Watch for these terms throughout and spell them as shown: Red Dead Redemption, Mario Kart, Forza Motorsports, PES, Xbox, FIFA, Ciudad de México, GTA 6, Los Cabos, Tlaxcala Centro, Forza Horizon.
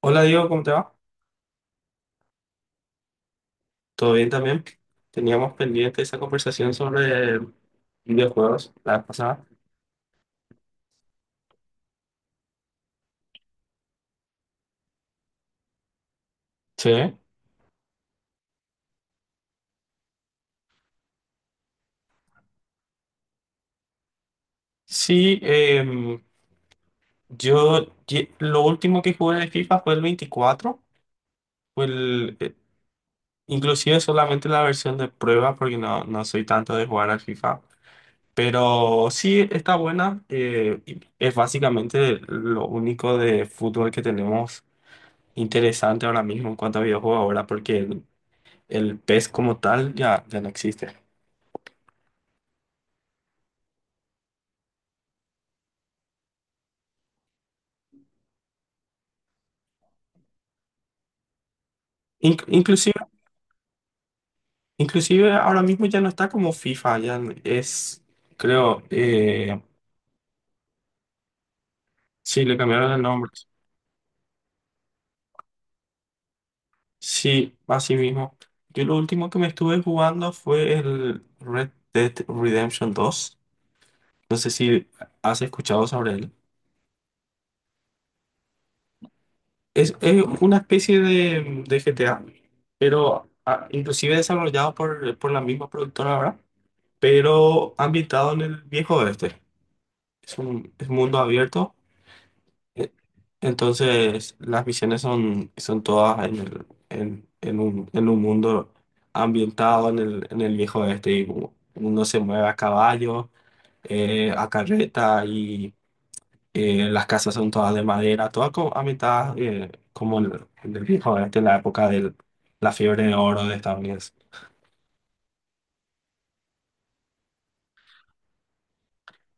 Hola Diego, ¿cómo te va? ¿Todo bien también? Teníamos pendiente esa conversación sobre videojuegos la vez pasada. Sí. Sí, lo último que jugué de FIFA fue el 24. fue el, eh, inclusive solamente la versión de prueba porque no, no soy tanto de jugar al FIFA. Pero sí está buena, y es básicamente lo único de fútbol que tenemos interesante ahora mismo en cuanto a videojuegos ahora porque el PES como tal ya, ya no existe. Inc- inclusive, inclusive ahora mismo ya no está como FIFA, ya es, creo, sí, le cambiaron el nombre. Sí, así mismo. Yo lo último que me estuve jugando fue el Red Dead Redemption 2. No sé si has escuchado sobre él. Es una especie de GTA, pero inclusive desarrollado por la misma productora ahora, pero ambientado en el viejo oeste. Es un es mundo abierto. e- Entonces, las misiones son todas en un mundo ambientado en el viejo oeste. Y uno se mueve a caballo, a carreta y las casas son todas de madera, todas ambientadas, como en el viejo oeste, en la época de la fiebre de oro de Estados Unidos.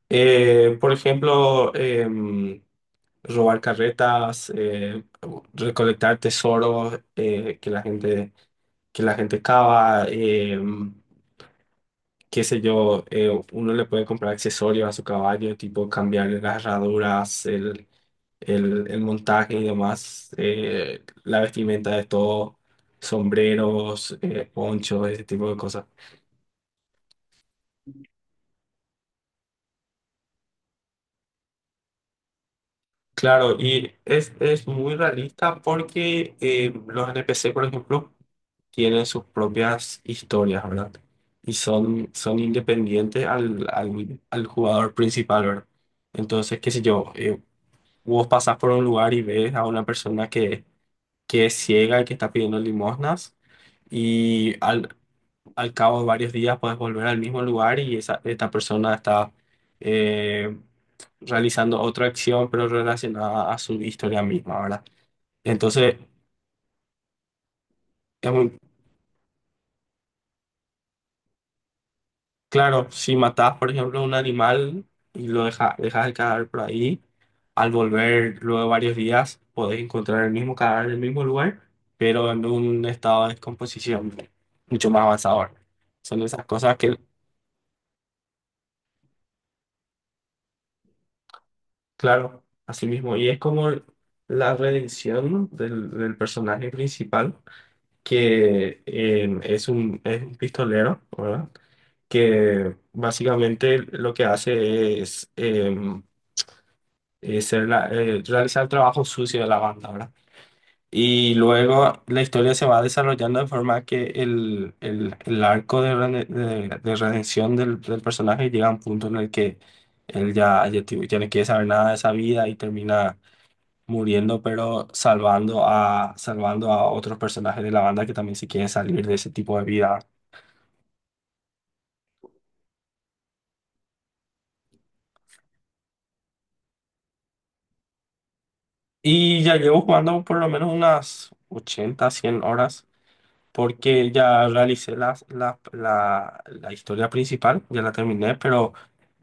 Por ejemplo, robar carretas, recolectar tesoros, que la gente cava. Qué sé yo, uno le puede comprar accesorios a su caballo, tipo cambiarle las herraduras, el montaje y demás, la vestimenta de todo, sombreros, ponchos, ese tipo de cosas. Claro, y es muy realista porque los NPC, por ejemplo, tienen sus propias historias, ¿verdad? Y son independientes al jugador principal, ¿verdad? Entonces, qué sé yo, vos pasás por un lugar y ves a una persona que es ciega y que está pidiendo limosnas, y al cabo de varios días puedes volver al mismo lugar y esta persona está eh, realizando otra acción, pero relacionada a su historia misma, ¿verdad? Entonces, es muy claro, si matás, por ejemplo, un animal y dejas el cadáver por ahí, al volver luego de varios días, podés encontrar el mismo cadáver en el mismo lugar, pero en un estado de descomposición mucho más avanzador. Son esas cosas que. Claro, así mismo. Y es como la redención del personaje principal, que es un pistolero, ¿verdad? Que básicamente lo que hace es, realizar el trabajo sucio de la banda, ¿verdad? Y luego la historia se va desarrollando de forma que el arco de redención del personaje llega a un punto en el que él ya, ya, ya no quiere saber nada de esa vida y termina muriendo, pero salvando a otros personajes de la banda que también se quieren salir de ese tipo de vida. Y ya llevo jugando por lo menos unas 80 100 horas, porque ya realicé la historia principal, ya la terminé, pero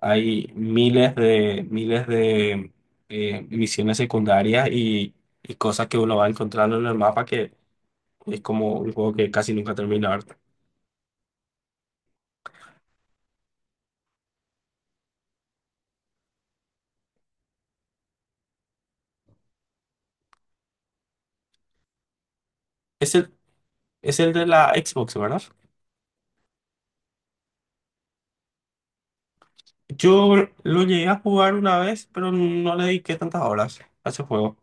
hay miles de misiones secundarias y cosas que uno va encontrando en el mapa que es como un juego que casi nunca termina, ¿verdad? Es el, es el de la Xbox, ¿verdad? Yo lo llegué a jugar una vez, pero no le dediqué tantas horas a ese juego.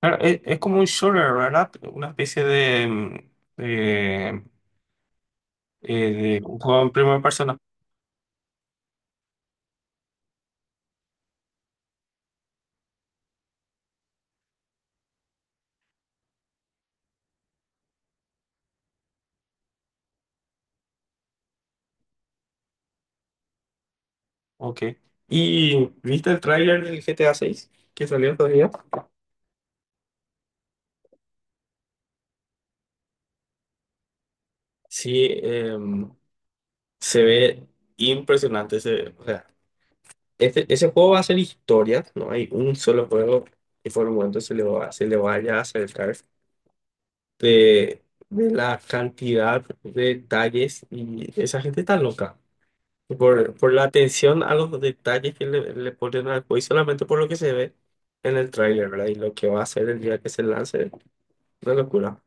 Claro, es como un shooter, ¿verdad? Una especie de, de un juego en primera persona. Ok. ¿Y viste el tráiler del GTA 6 que salió todavía? Sí, se ve impresionante. O sea, este, ese juego va a ser historia, no hay un solo juego que por el momento se le vaya a acercar. de, de la cantidad de detalles y esa gente está loca. Por la atención a los detalles que le ponen al juego y solamente por lo que se ve en el tráiler, ¿verdad? Y lo que va a hacer el día que se lance, una locura.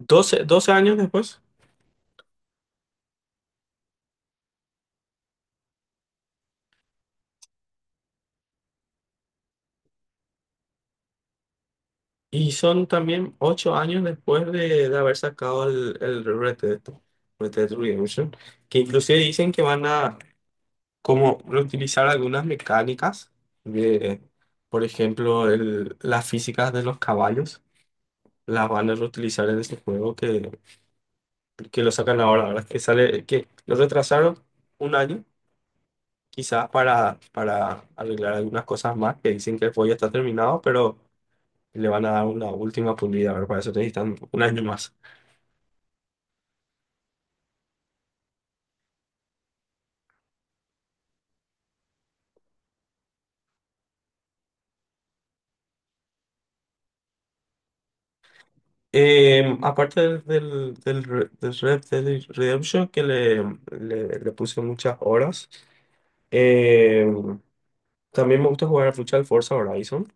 Doce años después, y son también 8 años después de haber sacado el Red Dead Redemption, que inclusive dicen que van a como reutilizar algunas mecánicas de, por ejemplo, las físicas de los caballos, las van a reutilizar en ese juego que lo sacan ahora, ¿verdad? Que sale, que lo retrasaron un año, quizás para arreglar algunas cosas más, que dicen que el juego ya está terminado, pero le van a dar una última pulida, ¿verdad? Para eso necesitan un año más. Aparte del Red Dead Redemption, que le puse muchas horas. em, También me gusta jugar al futsal Forza Horizon,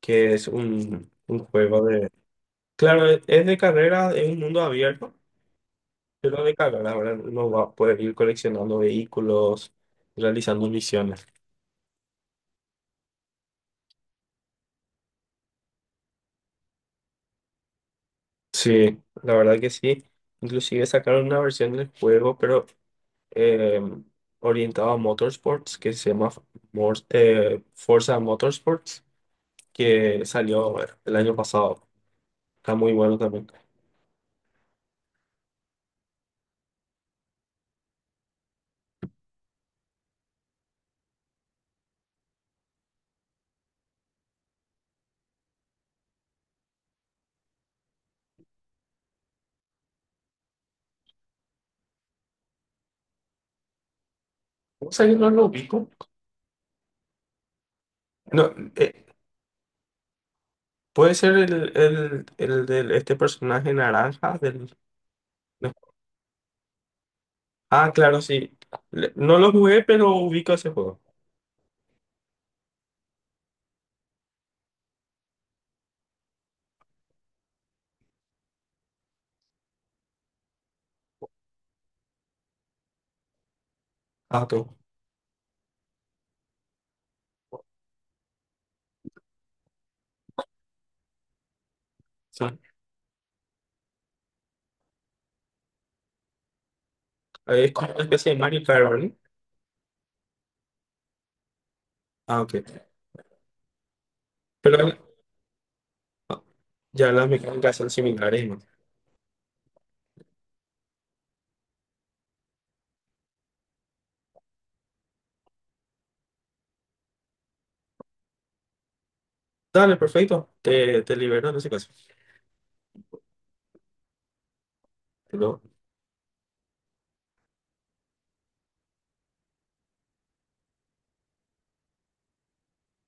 que es un juego de. Claro, es de carrera, es un mundo abierto, pero de carrera, ahora uno va a poder ir coleccionando vehículos, realizando misiones. Sí, la verdad que sí. Inclusive sacaron una versión del juego, pero eh, orientado a motorsports, que se llama Forza Motorsports, que salió el año pasado. Está muy bueno también. ¿Cómo salió? No lo ubico. No, puede ser el de este personaje naranja del. No. Ah, claro, sí. No lo jugué, pero ubico ese juego. Ah, ok. Sí. Es como una especie de Mario Kart, ¿verdad? Ah, ok. Pero ah, ya las mecánicas son similares, ¿no? Dale, perfecto. Te libero en ese caso. Te lo-